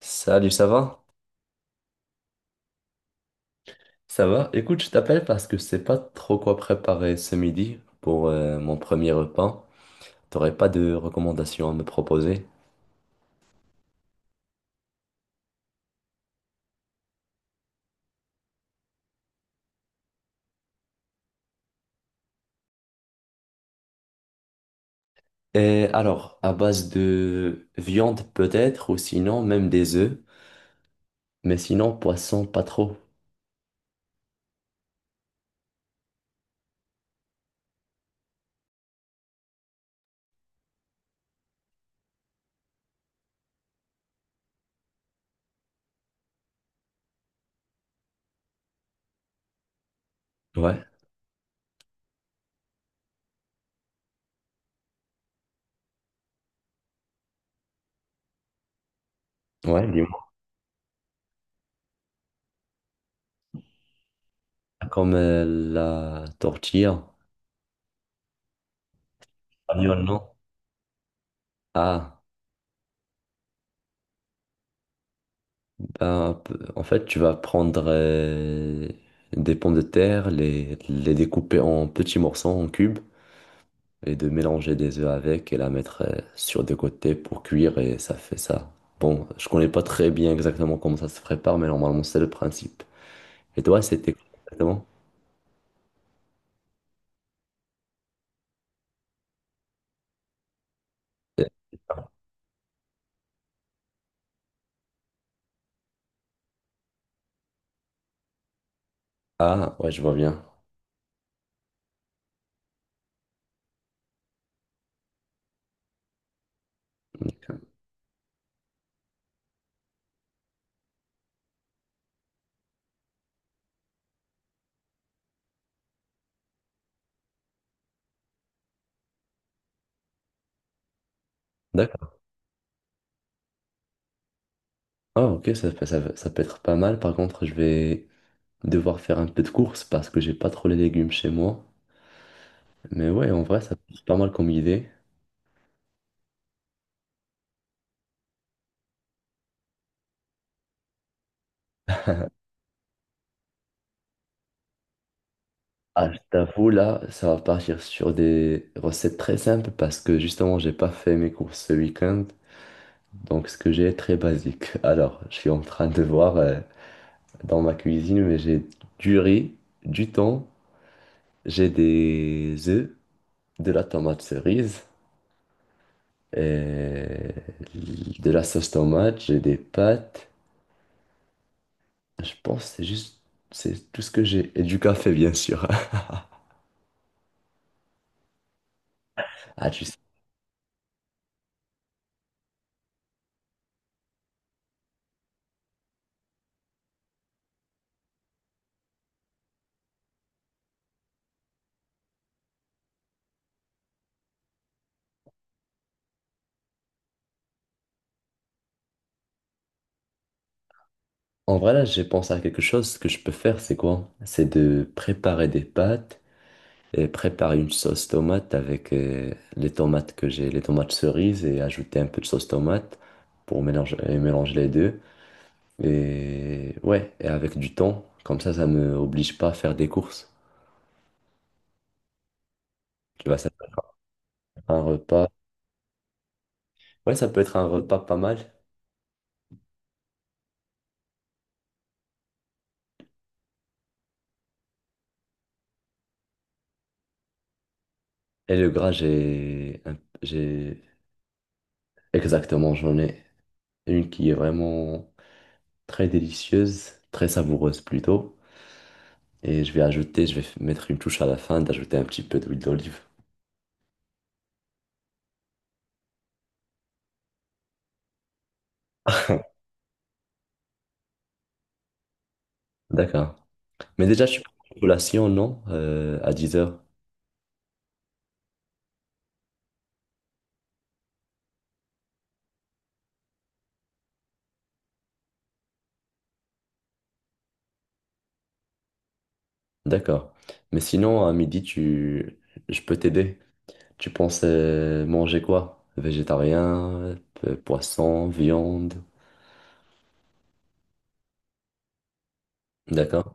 Salut, ça va? Ça va? Écoute, je t'appelle parce que je sais pas trop quoi préparer ce midi pour mon premier repas. T'aurais pas de recommandations à me proposer? Et alors, à base de viande peut-être, ou sinon même des œufs, mais sinon poisson pas trop. Ouais, ouais, dis-moi. Comme la tortilla. Espagnol, non? Ah, ben, en fait, tu vas prendre des pommes de terre, les découper en petits morceaux, en cubes. Et de mélanger des œufs avec et la mettre sur des côtés pour cuire et ça fait ça. Bon, je connais pas très bien exactement comment ça se prépare, mais normalement c'est le principe. Et toi, c'était quoi exactement? Ah, ouais, je vois bien. D'accord. D'accord. Ah, ok, ça peut être pas mal. Par contre, je vais devoir faire un peu de course parce que j'ai pas trop les légumes chez moi. Mais ouais, en vrai, ça peut être pas mal comme idée. Ah, je t'avoue, là, ça va partir sur des recettes très simples parce que justement, j'ai pas fait mes courses ce week-end. Donc ce que j'ai est très basique. Alors, je suis en train de voir dans ma cuisine, mais j'ai du riz, du thon, j'ai des œufs, de la tomate cerise, et de la sauce tomate, j'ai des pâtes. Je pense que c'est tout ce que j'ai. Et du café, bien sûr. Ah, tu sais. En vrai, là, j'ai pensé à quelque chose. Ce que je peux faire, c'est quoi? C'est de préparer des pâtes et préparer une sauce tomate avec les tomates que j'ai, les tomates cerises et ajouter un peu de sauce tomate pour mélanger, et mélanger les deux. Et ouais, et avec du thon, comme ça me oblige pas à faire des courses. Tu vois, ça peut être un repas. Ouais, ça peut être un repas pas mal. Et le gras, j'ai, exactement, j'en ai une qui est vraiment très délicieuse, très savoureuse plutôt. Et je vais ajouter, je vais mettre une touche à la fin d'ajouter un petit peu d'huile d'olive. D'accord. Mais déjà, tu prends une collation, non? À 10 heures. D'accord. Mais sinon, à midi, tu... je peux t'aider. Tu penses manger quoi? Végétarien, poisson, viande. D'accord?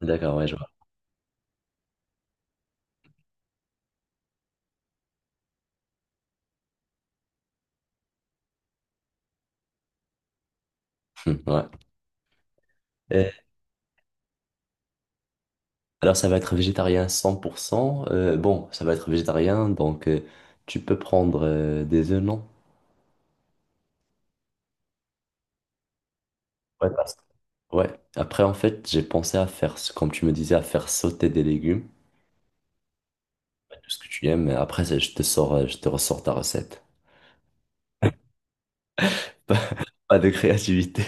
D'accord, ouais, je vois. Ouais. Et alors, ça va être végétarien 100%. Bon, ça va être végétarien, donc tu peux prendre des œufs, non? Ouais, parce- ouais. Après, en fait, j'ai pensé à faire, comme tu me disais, à faire sauter des légumes, tout ce que tu aimes. Mais après, je te ressors ta recette. Pas pas de créativité.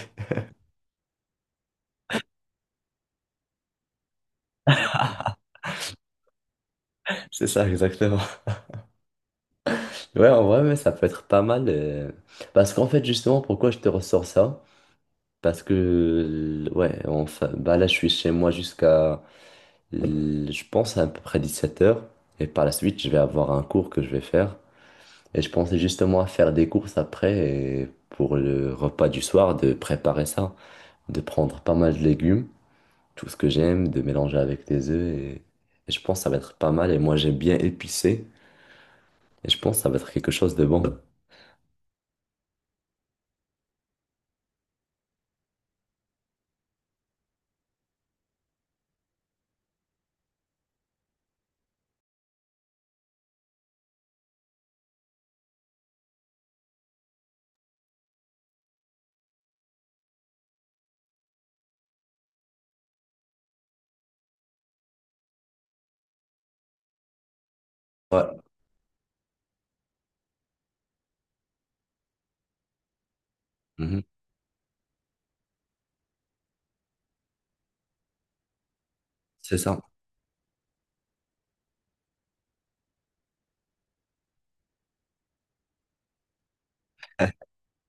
C'est ça, exactement. Ouais, en vrai, mais ça peut être pas mal. Parce qu'en fait, justement, pourquoi je te ressors ça? Parce que, ouais, enfin, bah là, je suis chez moi jusqu'à, je pense, à peu près 17 heures. Et par la suite, je vais avoir un cours que je vais faire. Et je pensais justement à faire des courses après et pour le repas du soir, de préparer ça, de prendre pas mal de légumes, tout ce que j'aime, de mélanger avec des œufs. Et je pense que ça va être pas mal. Et moi, j'aime bien épicé. Et je pense que ça va être quelque chose de bon. Ouais, mhm. C'est ça,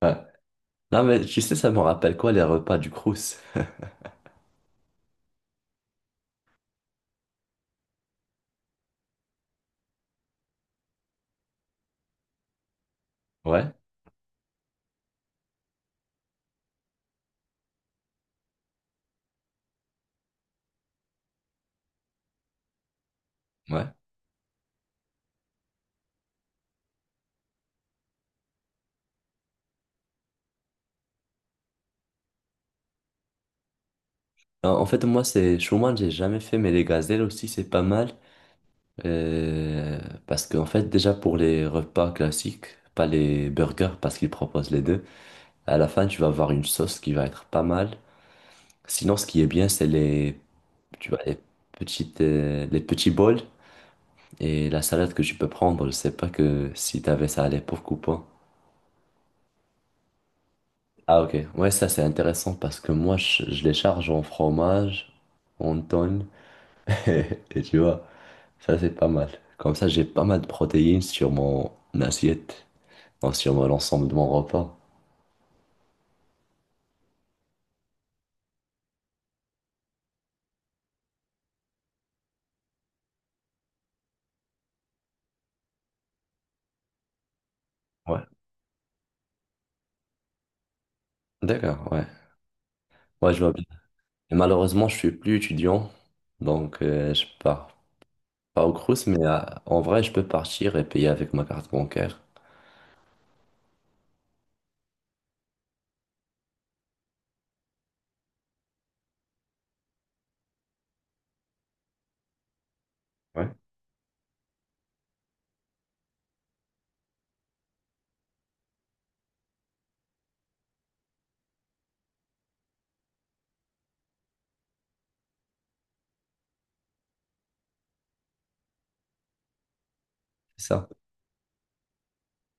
ouais. Non, mais tu sais, ça me rappelle quoi les repas du Crous? Ouais. Ouais. En fait, moi, c'est Chouman, j'ai jamais fait, mais les gazelles aussi, c'est pas mal. Euh, parce qu'en fait, déjà pour les repas classiques, pas les burgers, parce qu'ils proposent les deux, à la fin, tu vas avoir une sauce qui va être pas mal. Sinon, ce qui est bien, c'est les, tu vois, les petits bols et la salade que tu peux prendre. Je sais pas que si t'avais ça à l'époque ou pas. Ah ok, ouais, ça c'est intéressant parce que je les charge en fromage, en tonne, et et tu vois, ça c'est pas mal. Comme ça j'ai pas mal de protéines sur mon assiette, enfin, l'ensemble de mon repas. Ouais. D'accord, ouais. Ouais, je vois bien. Et malheureusement je suis plus étudiant, donc je pars pas au Crous, mais en vrai je peux partir et payer avec ma carte bancaire. Ouais. C'est ça.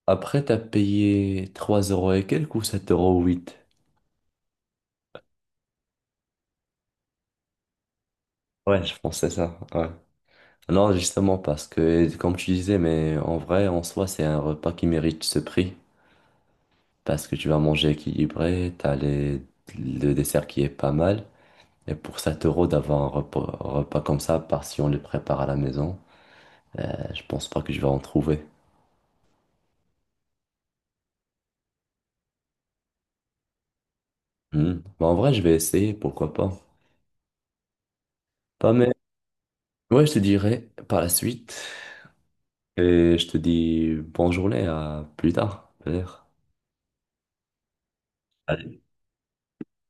Après t'as payé 3 euros et quelques ou 7 euros 8. Ouais je pensais ça, ouais. Non, justement, parce que, comme tu disais, mais en vrai, en soi, c'est un repas qui mérite ce prix. Parce que tu vas manger équilibré, t'as les... le dessert qui est pas mal. Et pour 7 euros d'avoir un repas comme ça, par si on le prépare à la maison, je pense pas que je vais en trouver. Hmm. Mais en vrai, je vais essayer, pourquoi pas. Pas mais... Ouais, je te dirai par la suite. Et je te dis bonne journée, à plus tard, peut-être. Allez.